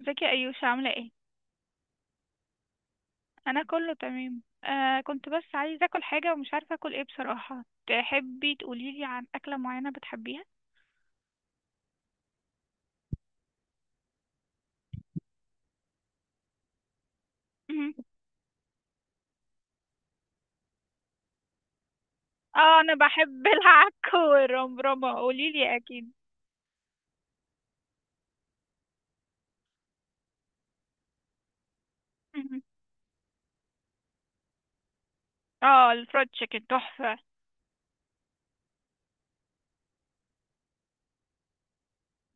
ازيك يا ايوش، عامله ايه؟ انا كله تمام. كنت بس عايزه اكل حاجه ومش عارفه اكل ايه بصراحه. تحبي تقولي لي عن اكله معينه بتحبيها؟ مهم. اه، انا بحب العك والرمرمه، قولي لي اكيد. مهم. اه، الفرايد تشيكن تحفه.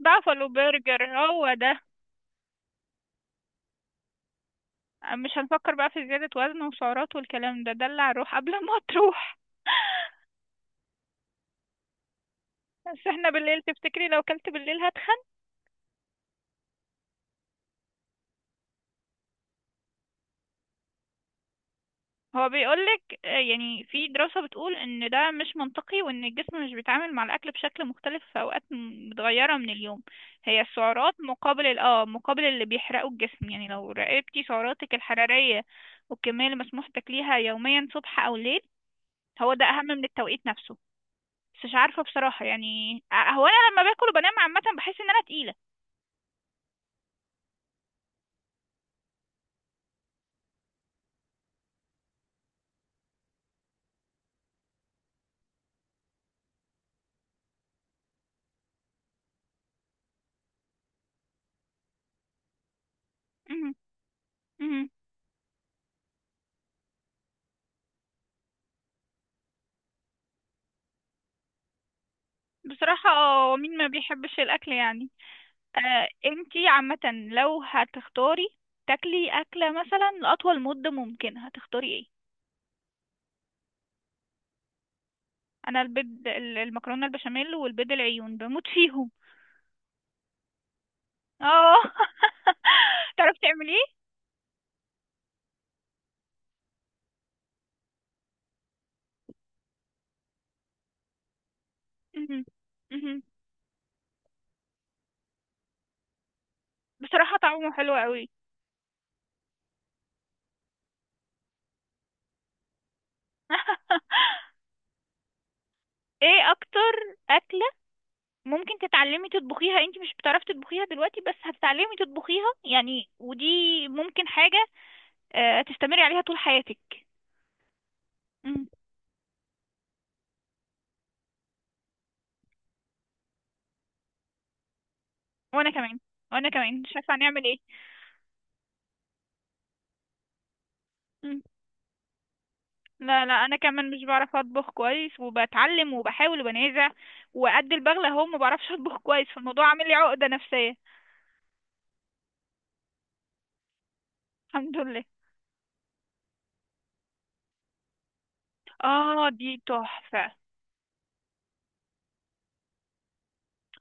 بافالو برجر هو ده؟ مش هنفكر بقى في زياده وزن وسعرات والكلام ده، دلع الروح قبل ما تروح. بس احنا بالليل، تفتكري لو كلت بالليل؟ هو بيقولك، يعني في دراسة بتقول ان ده مش منطقي وان الجسم مش بيتعامل مع الاكل بشكل مختلف في اوقات متغيرة من اليوم. هي السعرات مقابل مقابل اللي بيحرقه الجسم، يعني لو راقبتي سعراتك الحرارية والكمية اللي مسموح تاكليها يوميا صبح او ليل، هو ده اهم من التوقيت نفسه. بس مش عارفة بصراحة، يعني هو انا لما باكل وبنام عامة بحس ان انا تقيلة. مهم. مهم. بصراحة مين ما بيحبش الاكل يعني. انتي عامة، لو هتختاري تاكلي أكلة مثلا لأطول مدة ممكنة، هتختاري ايه؟ أنا البيض، المكرونة البشاميل والبيض العيون بموت فيهم. اه. تعرفي تعمليه؟ مهم. مهم. بصراحة طعمه حلو قوي. ايه أكتر أكلة ممكن تتعلمي تطبخيها، انتي مش بتعرفي تطبخيها دلوقتي بس هتتعلمي تطبخيها يعني، ودي ممكن حاجة تستمري عليها طول حياتك. مم. وانا كمان. وانا كمان مش عارفة هنعمل ايه. مم. لا، لا، انا كمان مش بعرف اطبخ كويس وبتعلم وبحاول وبنازع. وقد البغلة اهو ما بعرفش اطبخ كويس، فالموضوع عامل لي عقدة نفسية. الحمد لله. اه، دي تحفة.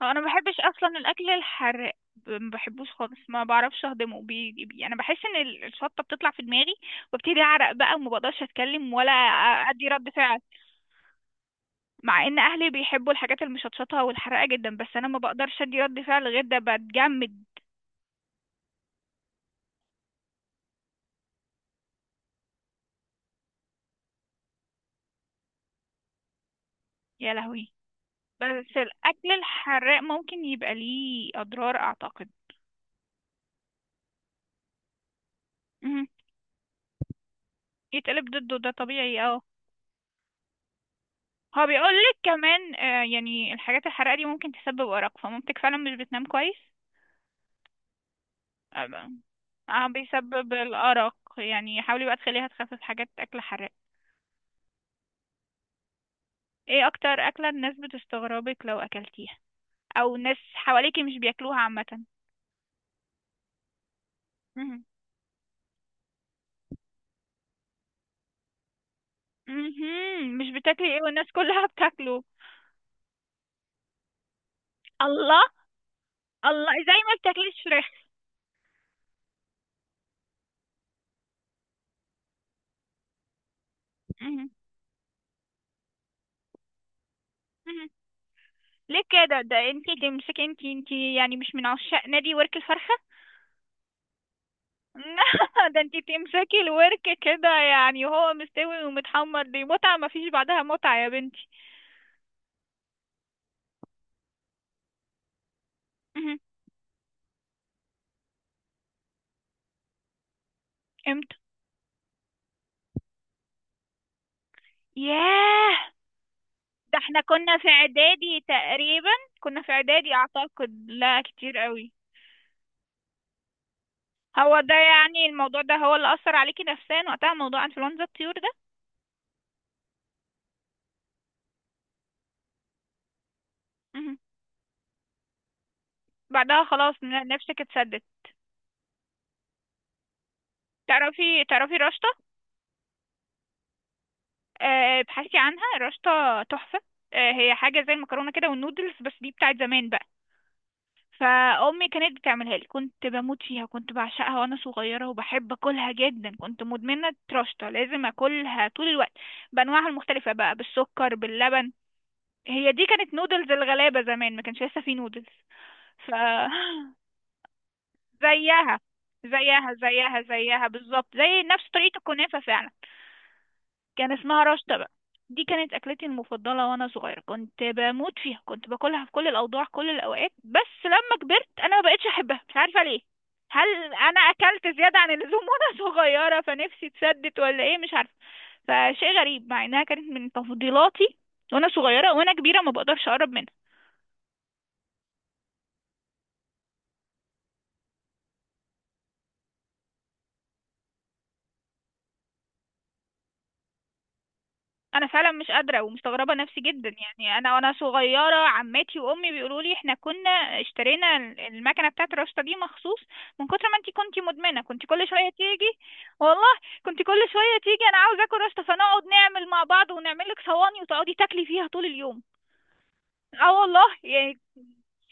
انا ما بحبش اصلا الاكل الحراق، ما بحبوش خالص، ما بعرفش اهضمه. انا بحس ان الشطة بتطلع في دماغي، وابتدي اعرق بقى وما بقدرش اتكلم ولا ادي رد فعل. مع ان اهلي بيحبوا الحاجات المشطشطة والحراقة جدا، بس انا ما بقدرش ادي رد فعل غير ده، بتجمد. يا لهوي. بس الأكل الحراق ممكن يبقى ليه أضرار، أعتقد. مهم. يتقلب ضده، ده طبيعي، اه. هو بيقول لك كمان، يعني الحاجات الحراقة دي ممكن تسبب أرق، فمامتك فعلا مش بتنام كويس. اه بقى. بيسبب الأرق، يعني حاولي بقى تخليها تخفف حاجات أكل حراق. ايه أكتر أكلة الناس بتستغربك لو أكلتيها، أو ناس حواليكي مش بياكلوها عامة؟ مهم. مهم. مش بتاكلي ايه والناس كلها بتاكله؟ الله. الله، زي ما بتاكليش فراخ. مهم. ليه كده؟ ده انتي تمسكي، انتي يعني مش من عشاق نادي ورك الفرخة؟ ده انتي تمسكي الورك كده يعني وهو مستوي ومتحمر، دي متعة مفيش بعدها متعة يا بنتي. مهم. امتى؟ ياه. ده احنا كنا في اعدادي تقريبا. كنا في اعدادي اعتقد، لا كتير قوي. هو ده يعني الموضوع ده هو اللي اثر عليكي نفسيا وقتها، موضوع انفلونزا الطيور ده؟ مهم. بعدها خلاص نفسك اتسدت. تعرفي رشطة؟ ابحثي عنها، رشطة تحفة. هي حاجة زي المكرونة كده والنودلز، بس دي بتاعت زمان بقى. فأمي كانت بتعملها لي، كنت بموت فيها، كنت بعشقها وأنا صغيرة، وبحب أكلها جدا، كنت مدمنة رشطة، لازم أكلها طول الوقت بأنواعها المختلفة بقى، بالسكر باللبن. هي دي كانت نودلز الغلابة زمان، ما كانش لسه في نودلز. ف زيها، زيها، زيها، زيها بالظبط، زي نفس طريقة الكنافة فعلا. كان اسمها رشطة بقى. دي كانت أكلتي المفضلة وأنا صغيرة، كنت بموت فيها، كنت باكلها في كل الأوضاع كل الأوقات، بس لما كبرت أنا ما بقتش أحبها، مش عارفة ليه. هل أنا أكلت زيادة عن اللزوم وأنا صغيرة فنفسي اتسدت ولا إيه؟ مش عارفة. فشيء غريب مع إنها كانت من تفضيلاتي وأنا صغيرة، وأنا كبيرة ما بقدرش أقرب منها. انا فعلا مش قادره ومستغربه نفسي جدا، يعني انا وانا صغيره عماتي وامي بيقولوا لي احنا كنا اشترينا المكنه بتاعه الرشطه دي مخصوص من كتر ما انتي كنتي مدمنه، كنتي كل شويه تيجي. والله. كنتي كل شويه تيجي، انا عاوزه اكل رشطه، فنقعد نعمل مع بعض ونعمل لك صواني وتقعدي تاكلي فيها طول اليوم. اه والله يعني.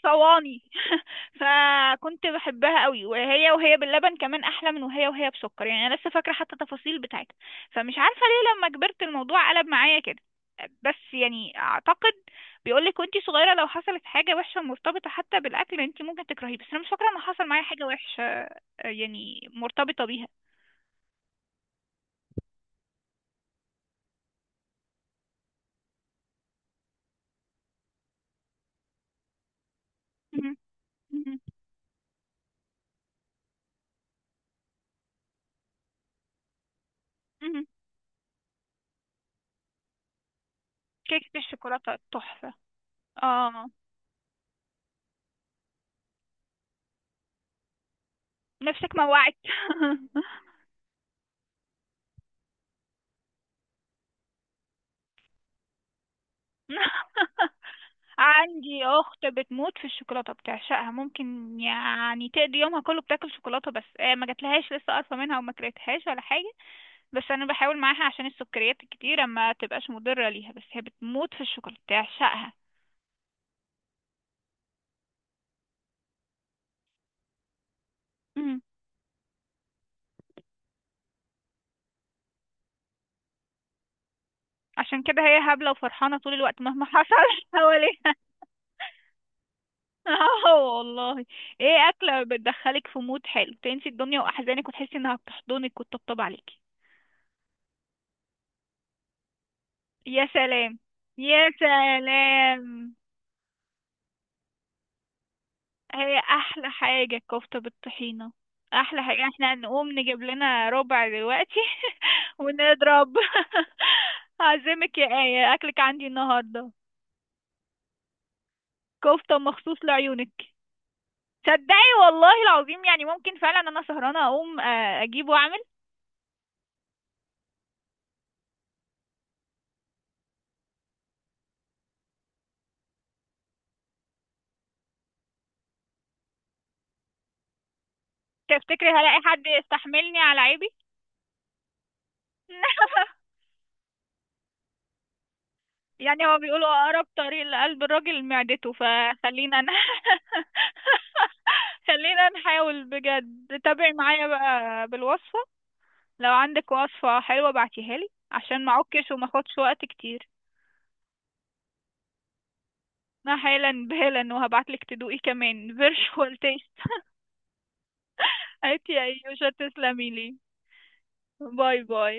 صواني. فكنت بحبها قوي، وهي باللبن كمان احلى من وهي بسكر، يعني انا لسه فاكره حتى تفاصيل بتاعتها. فمش عارفه ليه لما كبرت الموضوع قلب معايا كده. بس يعني اعتقد بيقولك وانتي صغيره لو حصلت حاجه وحشه مرتبطه حتى بالاكل انتي ممكن تكرهيه، بس انا مش فاكره ان حصل معايا حاجه وحشه، يعني مرتبطه بيها. مهم. مهم. مهم. كيكه الشوكولاته تحفه. اه. نفسك موعك. عندي اخت بتموت في الشوكولاته، بتعشقها، ممكن يعني تقضي يومها كله بتاكل شوكولاته، بس ما جاتلهاش لسه قرفه منها وما كرهتهاش ولا حاجه. بس انا بحاول معاها عشان السكريات الكتيره ما تبقاش مضره ليها، بس هي بتموت في الشوكولاته بتعشقها. مم. عشان كده هي هبله وفرحانه طول الوقت مهما حصل حواليها. اه والله. ايه اكله بتدخلك في مود حلو، تنسي الدنيا واحزانك، وتحسي انها بتحضنك وتطبطب عليكي؟ يا سلام، يا سلام. هي احلى حاجة الكفتة بالطحينة. احلى حاجة احنا نقوم نجيب لنا ربع دلوقتي ونضرب. هعزمك يا آية، اكلك عندي النهاردة. كفتة مخصوص لعيونك. صدقي والله العظيم، يعني ممكن فعلا انا سهرانة اقوم، اجيب واعمل. تفتكري هلاقي حد يستحملني على عيبي؟ يعني هو بيقولوا أقرب طريق لقلب الراجل معدته، فخلينا خلينا نحاول بجد، تابعي معايا بقى بالوصفة. لو عندك وصفة حلوة بعتيها لي عشان ما اعكش وما اخدش وقت كتير. انا حالا بالا وهبعتلك تدوقي كمان فيرشوال تيست. عيتي يا ايوشا، تسلمي لي. باي باي.